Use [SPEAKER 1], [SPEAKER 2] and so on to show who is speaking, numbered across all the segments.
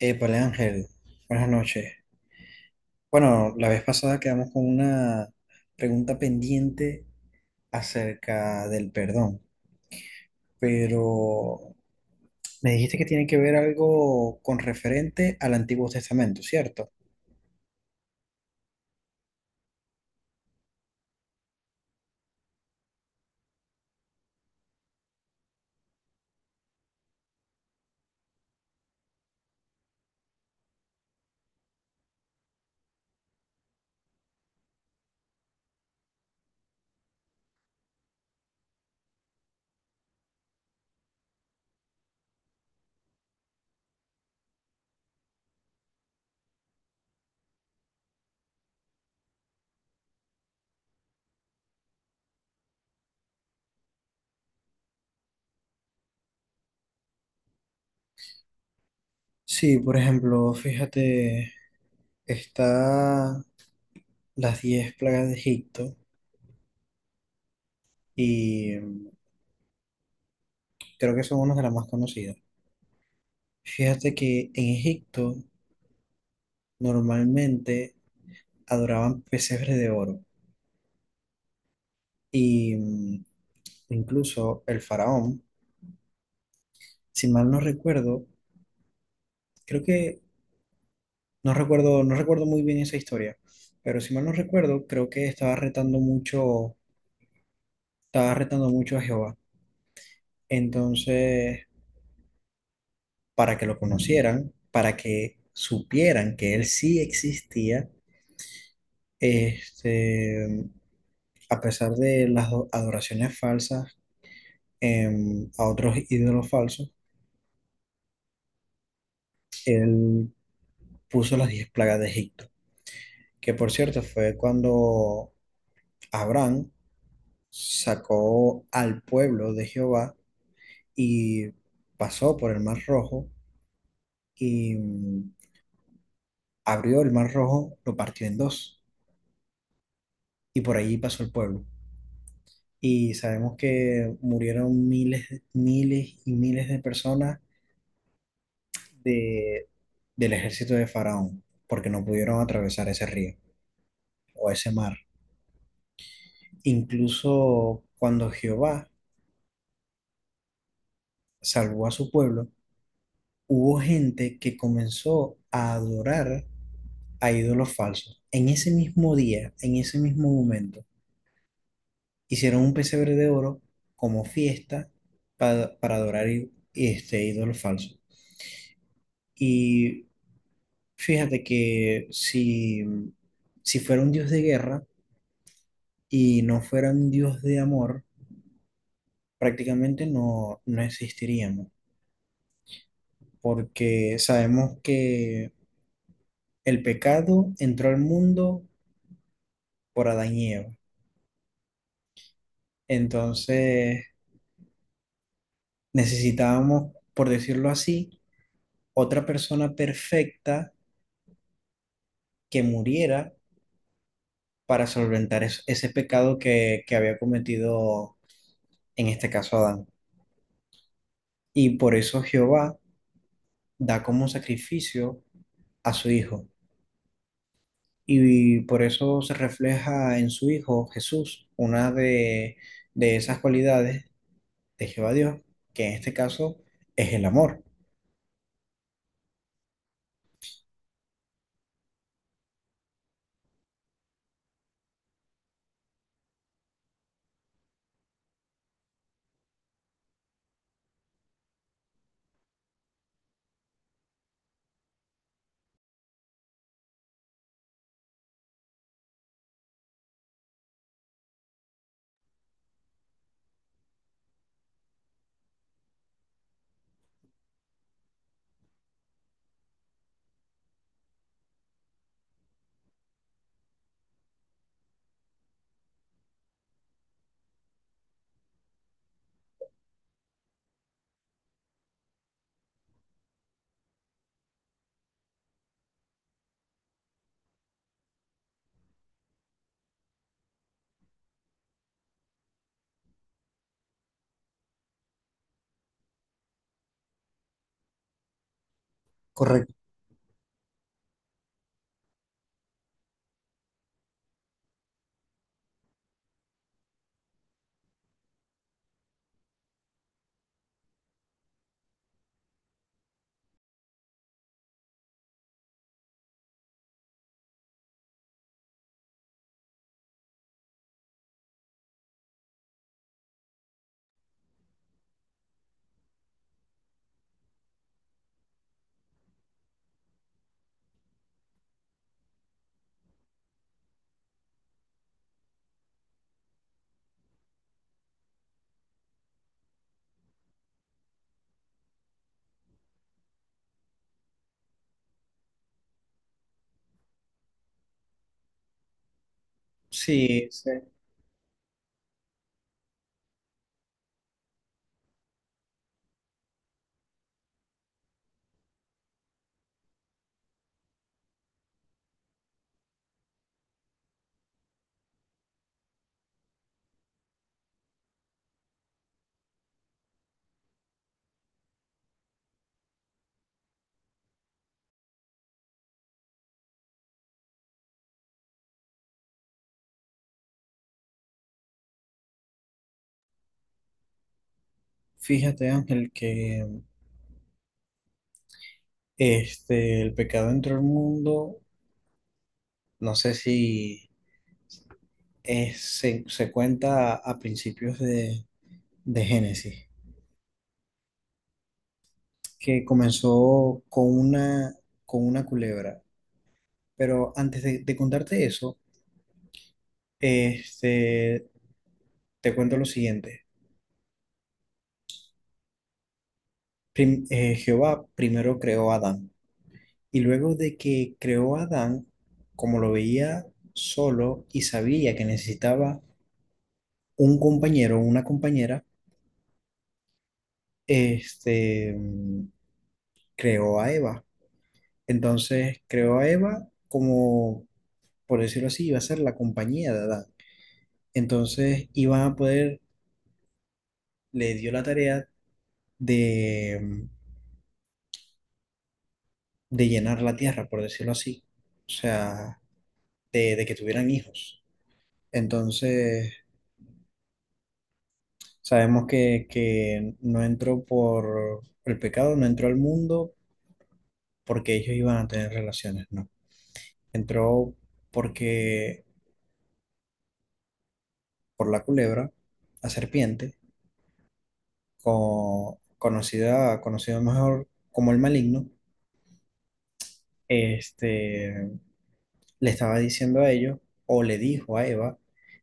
[SPEAKER 1] Épale, Ángel, buenas noches. Bueno, la vez pasada quedamos con una pregunta pendiente acerca del perdón, pero me dijiste que tiene que ver algo con referente al Antiguo Testamento, ¿cierto? Sí, por ejemplo, fíjate, está las 10 plagas de Egipto y creo que son una de las más conocidas. Fíjate que en Egipto normalmente adoraban pesebres de oro y incluso el faraón, si mal no recuerdo, creo que no recuerdo muy bien esa historia, pero si mal no recuerdo, creo que estaba retando mucho a Jehová. Entonces, para que lo conocieran, para que supieran que él sí existía, este, a pesar de las adoraciones falsas a otros ídolos falsos, él puso las 10 plagas de Egipto, que por cierto fue cuando Abraham sacó al pueblo de Jehová y pasó por el Mar Rojo y abrió el Mar Rojo, lo partió en dos y por allí pasó el pueblo. Y sabemos que murieron miles y miles de personas de, del ejército de Faraón porque no pudieron atravesar ese río o ese mar. Incluso cuando Jehová salvó a su pueblo, hubo gente que comenzó a adorar a ídolos falsos. En ese mismo día, en ese mismo momento, hicieron un pesebre de oro como fiesta para adorar este ídolo falso. Y fíjate que si fuera un dios de guerra y no fuera un dios de amor, prácticamente no existiríamos, porque sabemos que el pecado entró al mundo por Adán y Eva. Entonces necesitábamos, por decirlo así, otra persona perfecta que muriera para solventar ese pecado que había cometido en este caso Adán. Y por eso Jehová da como sacrificio a su hijo. Y por eso se refleja en su hijo Jesús una de esas cualidades de Jehová Dios, que en este caso es el amor. Correcto. Sí, sí. Fíjate, Ángel, que este, el pecado entró al mundo, no sé si se cuenta a principios de Génesis, que comenzó con con una culebra. Pero antes de contarte eso, este, te cuento lo siguiente. Jehová primero creó a Adán y luego de que creó a Adán, como lo veía solo y sabía que necesitaba un compañero o una compañera, este, mm, creó a Eva. Entonces creó a Eva como por decirlo así, iba a ser la compañía de Adán. Entonces le dio la tarea de, de llenar la tierra, por decirlo así. O sea, de que tuvieran hijos. Entonces, sabemos que no entró por el pecado, no entró al mundo porque ellos iban a tener relaciones, no. Entró porque, por la culebra, la serpiente, conocido mejor como el maligno, este, le estaba diciendo a ellos, o le dijo a Eva,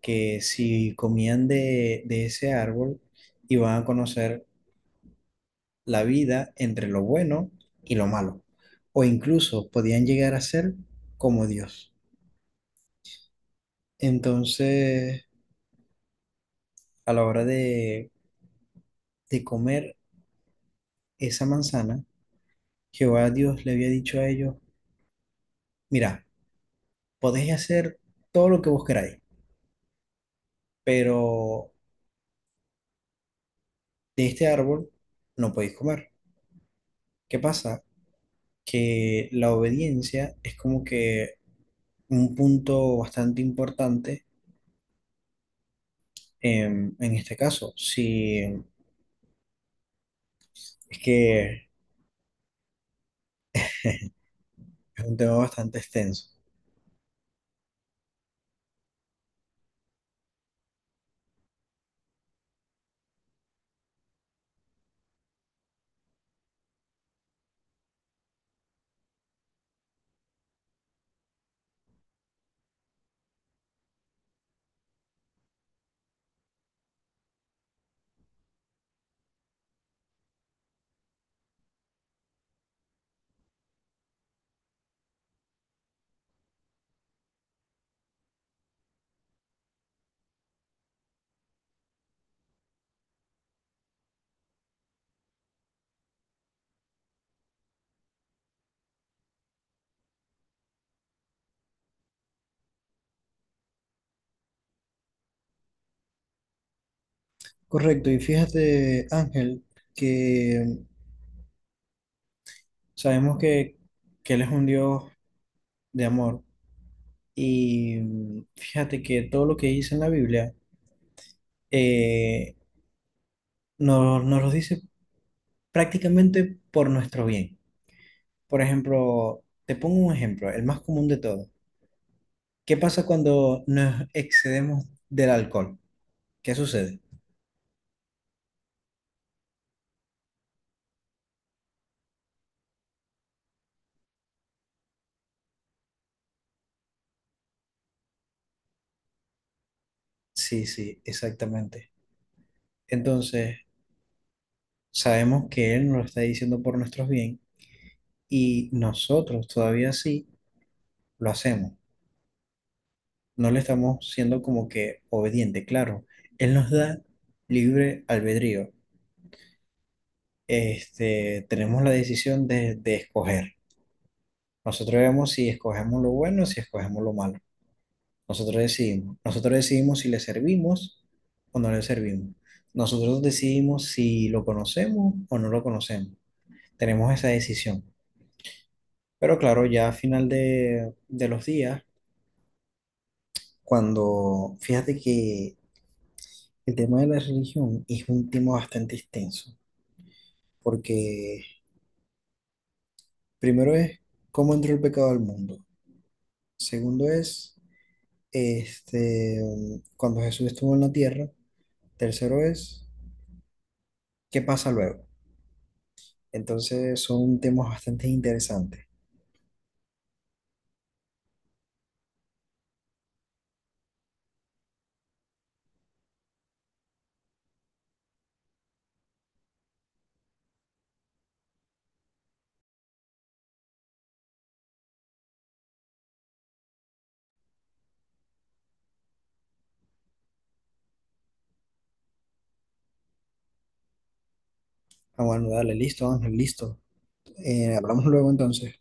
[SPEAKER 1] que si comían de ese árbol, iban a conocer la vida entre lo bueno y lo malo, o incluso podían llegar a ser como Dios. Entonces, a la hora de comer esa manzana, Jehová Dios le había dicho a ellos, mira, podéis hacer todo lo que vos queráis, pero de este árbol no podéis comer. ¿Qué pasa? Que la obediencia es como que un punto bastante importante en este caso. Sí, es que es un tema bastante extenso. Correcto, y fíjate, Ángel, que sabemos que Él es un Dios de amor. Y fíjate que todo lo que dice en la Biblia eh, nos lo dice prácticamente por nuestro bien. Por ejemplo, te pongo un ejemplo, el más común de todos. ¿Qué pasa cuando nos excedemos del alcohol? ¿Qué sucede? Sí, sí, exactamente. Entonces, sabemos que Él nos lo está diciendo por nuestros bien y nosotros todavía sí lo hacemos. No le estamos siendo como que obediente, claro. Él nos da libre albedrío. Este, tenemos la decisión de escoger. Nosotros vemos si escogemos lo bueno o si escogemos lo malo. Nosotros decidimos. Nosotros decidimos si le servimos o no le servimos. Nosotros decidimos si lo conocemos o no lo conocemos. Tenemos esa decisión. Pero claro, ya a final de los días, cuando fíjate que el tema de la religión es un tema bastante extenso, porque primero es cómo entró el pecado al mundo. Segundo es este, cuando Jesús estuvo en la tierra. Tercero es qué pasa luego. Entonces son temas bastante interesantes. Ah, bueno, dale, listo, Ángel, listo. Hablamos luego entonces.